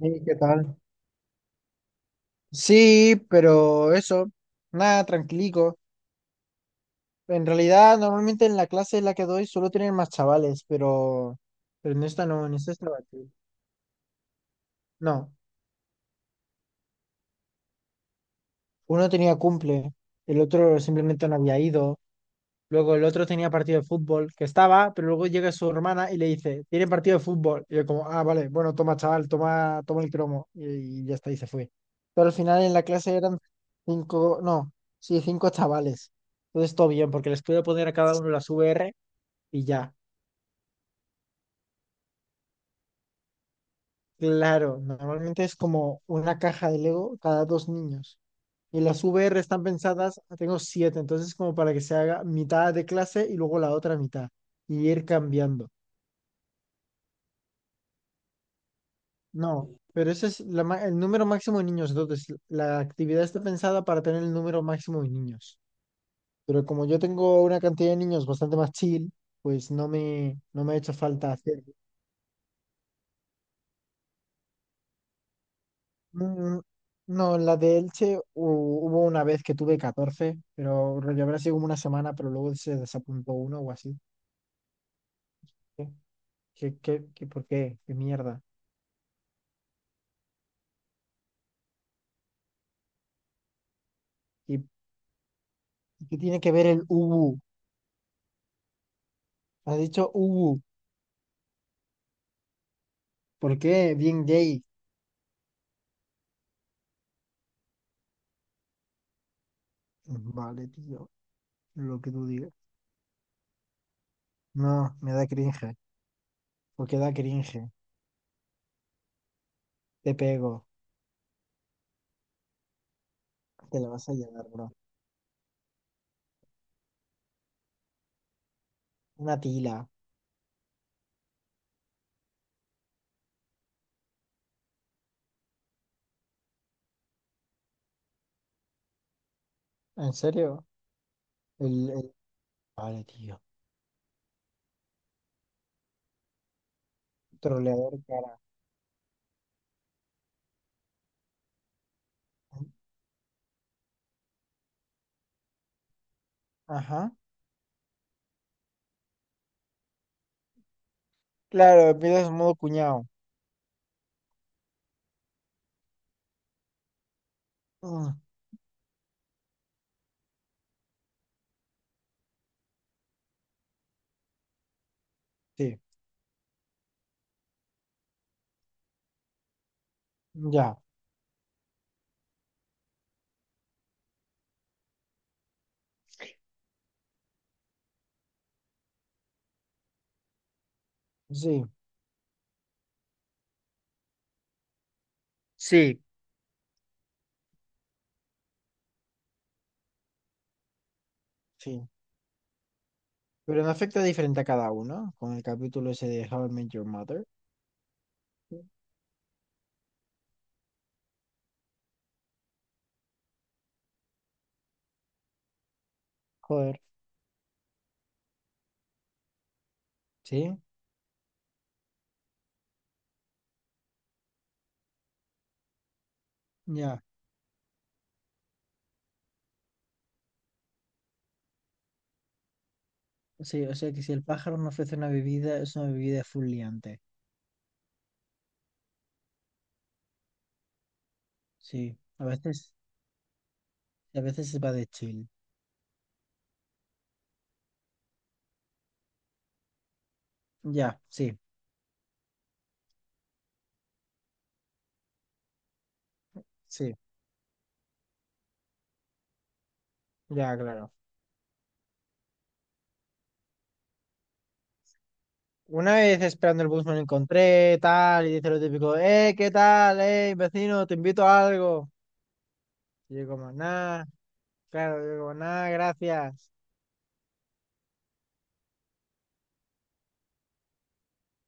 Sí, ¿qué tal? Sí, pero eso, nada, tranquilico. En realidad, normalmente en la clase en la que doy solo tienen más chavales, pero en esta no, en esta estaba tú. No, uno tenía cumple, el otro simplemente no había ido. Luego el otro tenía partido de fútbol, que estaba, pero luego llega su hermana y le dice, tiene partido de fútbol. Y yo como, ah, vale, bueno, toma, chaval, toma el cromo. Y ya está, y se fue. Pero al final en la clase eran cinco, no, sí, cinco chavales. Entonces todo bien, porque les puedo poner a cada uno las VR y ya. Claro, normalmente es como una caja de Lego cada dos niños. Y las VR están pensadas, tengo siete, entonces como para que se haga mitad de clase y luego la otra mitad. Y ir cambiando. No, pero ese es el número máximo de niños. Entonces, la actividad está pensada para tener el número máximo de niños. Pero como yo tengo una cantidad de niños bastante más chill, pues no me ha hecho falta hacer. Mm, No, en la de Elche hubo una vez que tuve 14, pero rollo habrá sido como una semana, pero luego se desapuntó uno o así. ¿Qué, por qué? ¿Qué mierda? ¿Y qué tiene que ver el ubu? Has dicho ubu. ¿Por qué? Bien gay. Vale, tío, lo que tú digas. No, me da cringe. Porque da cringe. Te pego. Te la vas a llevar, bro. Una tila. ¿En serio? El, el... Vale, tío. Troleador cara. Ajá. Claro, empiezas en modo cuñado. Mm, sí. Ya. Sí. Sí. Sí. Pero no afecta diferente a cada uno. Con el capítulo ese de How I Met Your Mother. Sí. Joder. Sí. Ya. Sí, o sea que si el pájaro no ofrece una bebida, es una bebida full liante. Sí. A veces se va de chill. Ya, sí. Sí, ya, claro. Una vez esperando el bus me lo encontré, tal, y dice lo típico, ¿qué tal? Vecino, te invito a algo. Y yo como, nada, claro, yo como, nada, gracias.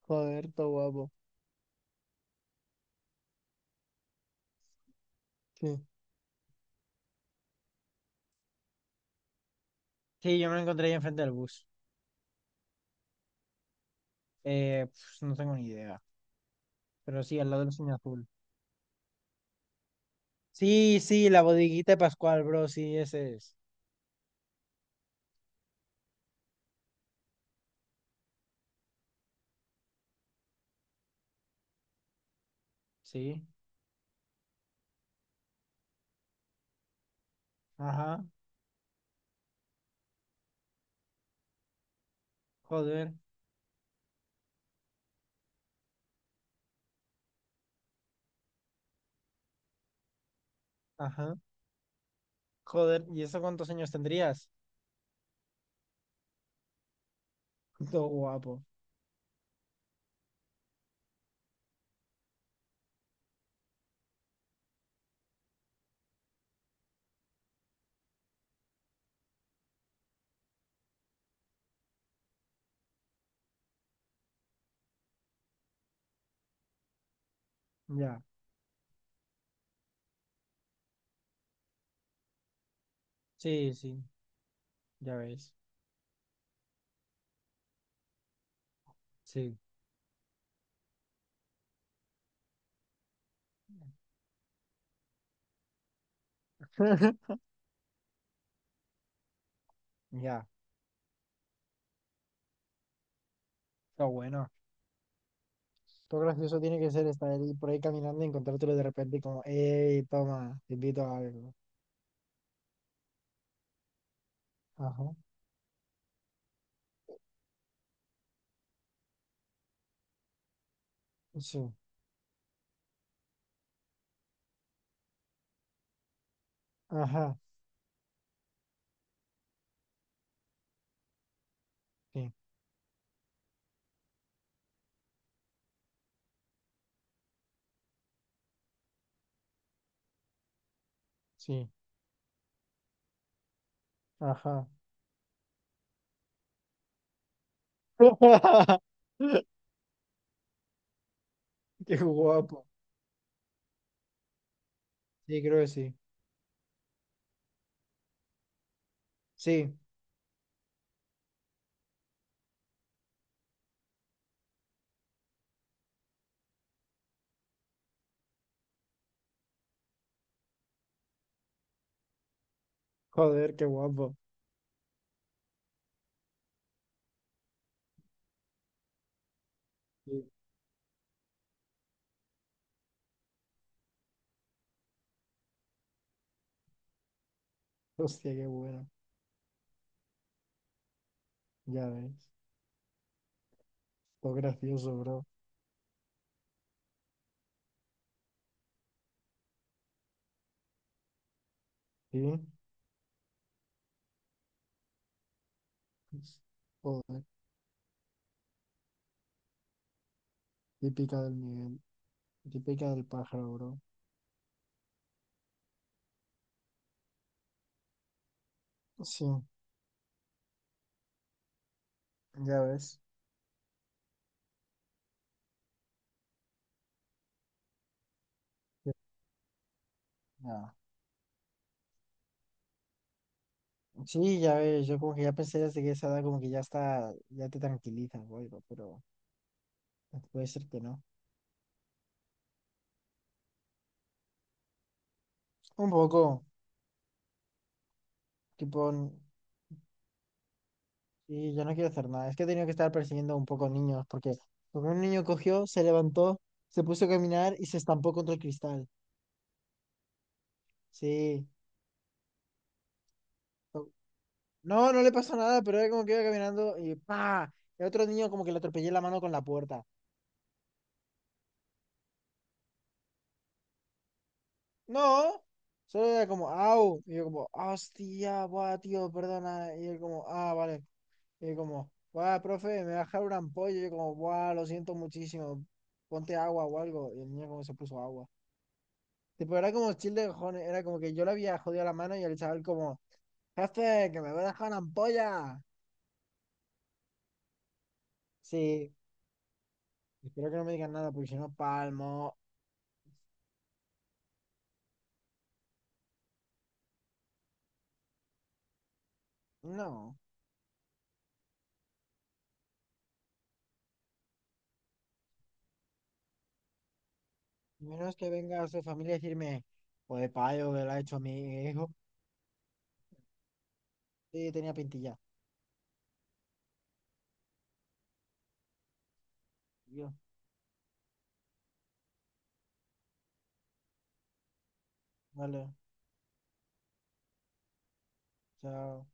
Joder, todo guapo. Sí. Sí, yo me lo encontré ahí enfrente del bus. Pues, no tengo ni idea, pero sí, al lado del cine azul. Sí, sí, la bodeguita de Pascual, bro, sí, ese es. Sí, ajá, joder, ajá, joder, ¿y eso cuántos años tendrías? Todo guapo, ya, sí, sí, ya ves. Sí. Ya, está bueno. Todo gracioso tiene que ser estar ahí por ahí caminando y encontrártelo de repente y como, hey, toma, te invito a algo. Ajá, sí, ajá, sí, sí, ajá. Qué guapo. Sí, creo que sí. Sí, joder, qué guapo. Sí. Hostia, qué bueno. Ya ves. Todo gracioso, bro. Sí. Pues, joder, típica del nivel, típica del pájaro, bro. Sí, ya ves. Ya. Sí, ya ves, yo como que ya pensé desde que esa edad como que ya está, ya te tranquiliza o algo, pero puede ser que no. Un poco, tipo, sí, yo no quiero hacer nada. Es que he tenido que estar persiguiendo un poco niños, porque un niño cogió, se levantó, se puso a caminar y se estampó contra el cristal. Sí. O- No, no le pasó nada, pero era como que iba caminando y ¡pa! El otro niño como que le atropellé la mano con la puerta. No, solo era como, ¡au! Y yo como, ¡hostia! Buah, tío, perdona. Y él como, ah, vale. Y como, guau, profe, me va a dejar una ampolla. Y yo como, guau, lo siento muchísimo. Ponte agua o algo. Y el niño como se puso agua. Tipo, era como chill de cojones. Era como que yo le había jodido la mano y el chaval como, jefe, que me voy a dejar una ampolla. Sí, espero que no me digan nada porque si no palmo. No, menos que venga su familia a decirme, pues payo, que lo ha hecho mi hijo. Sí, tenía pintilla. Y yo, vale, chao.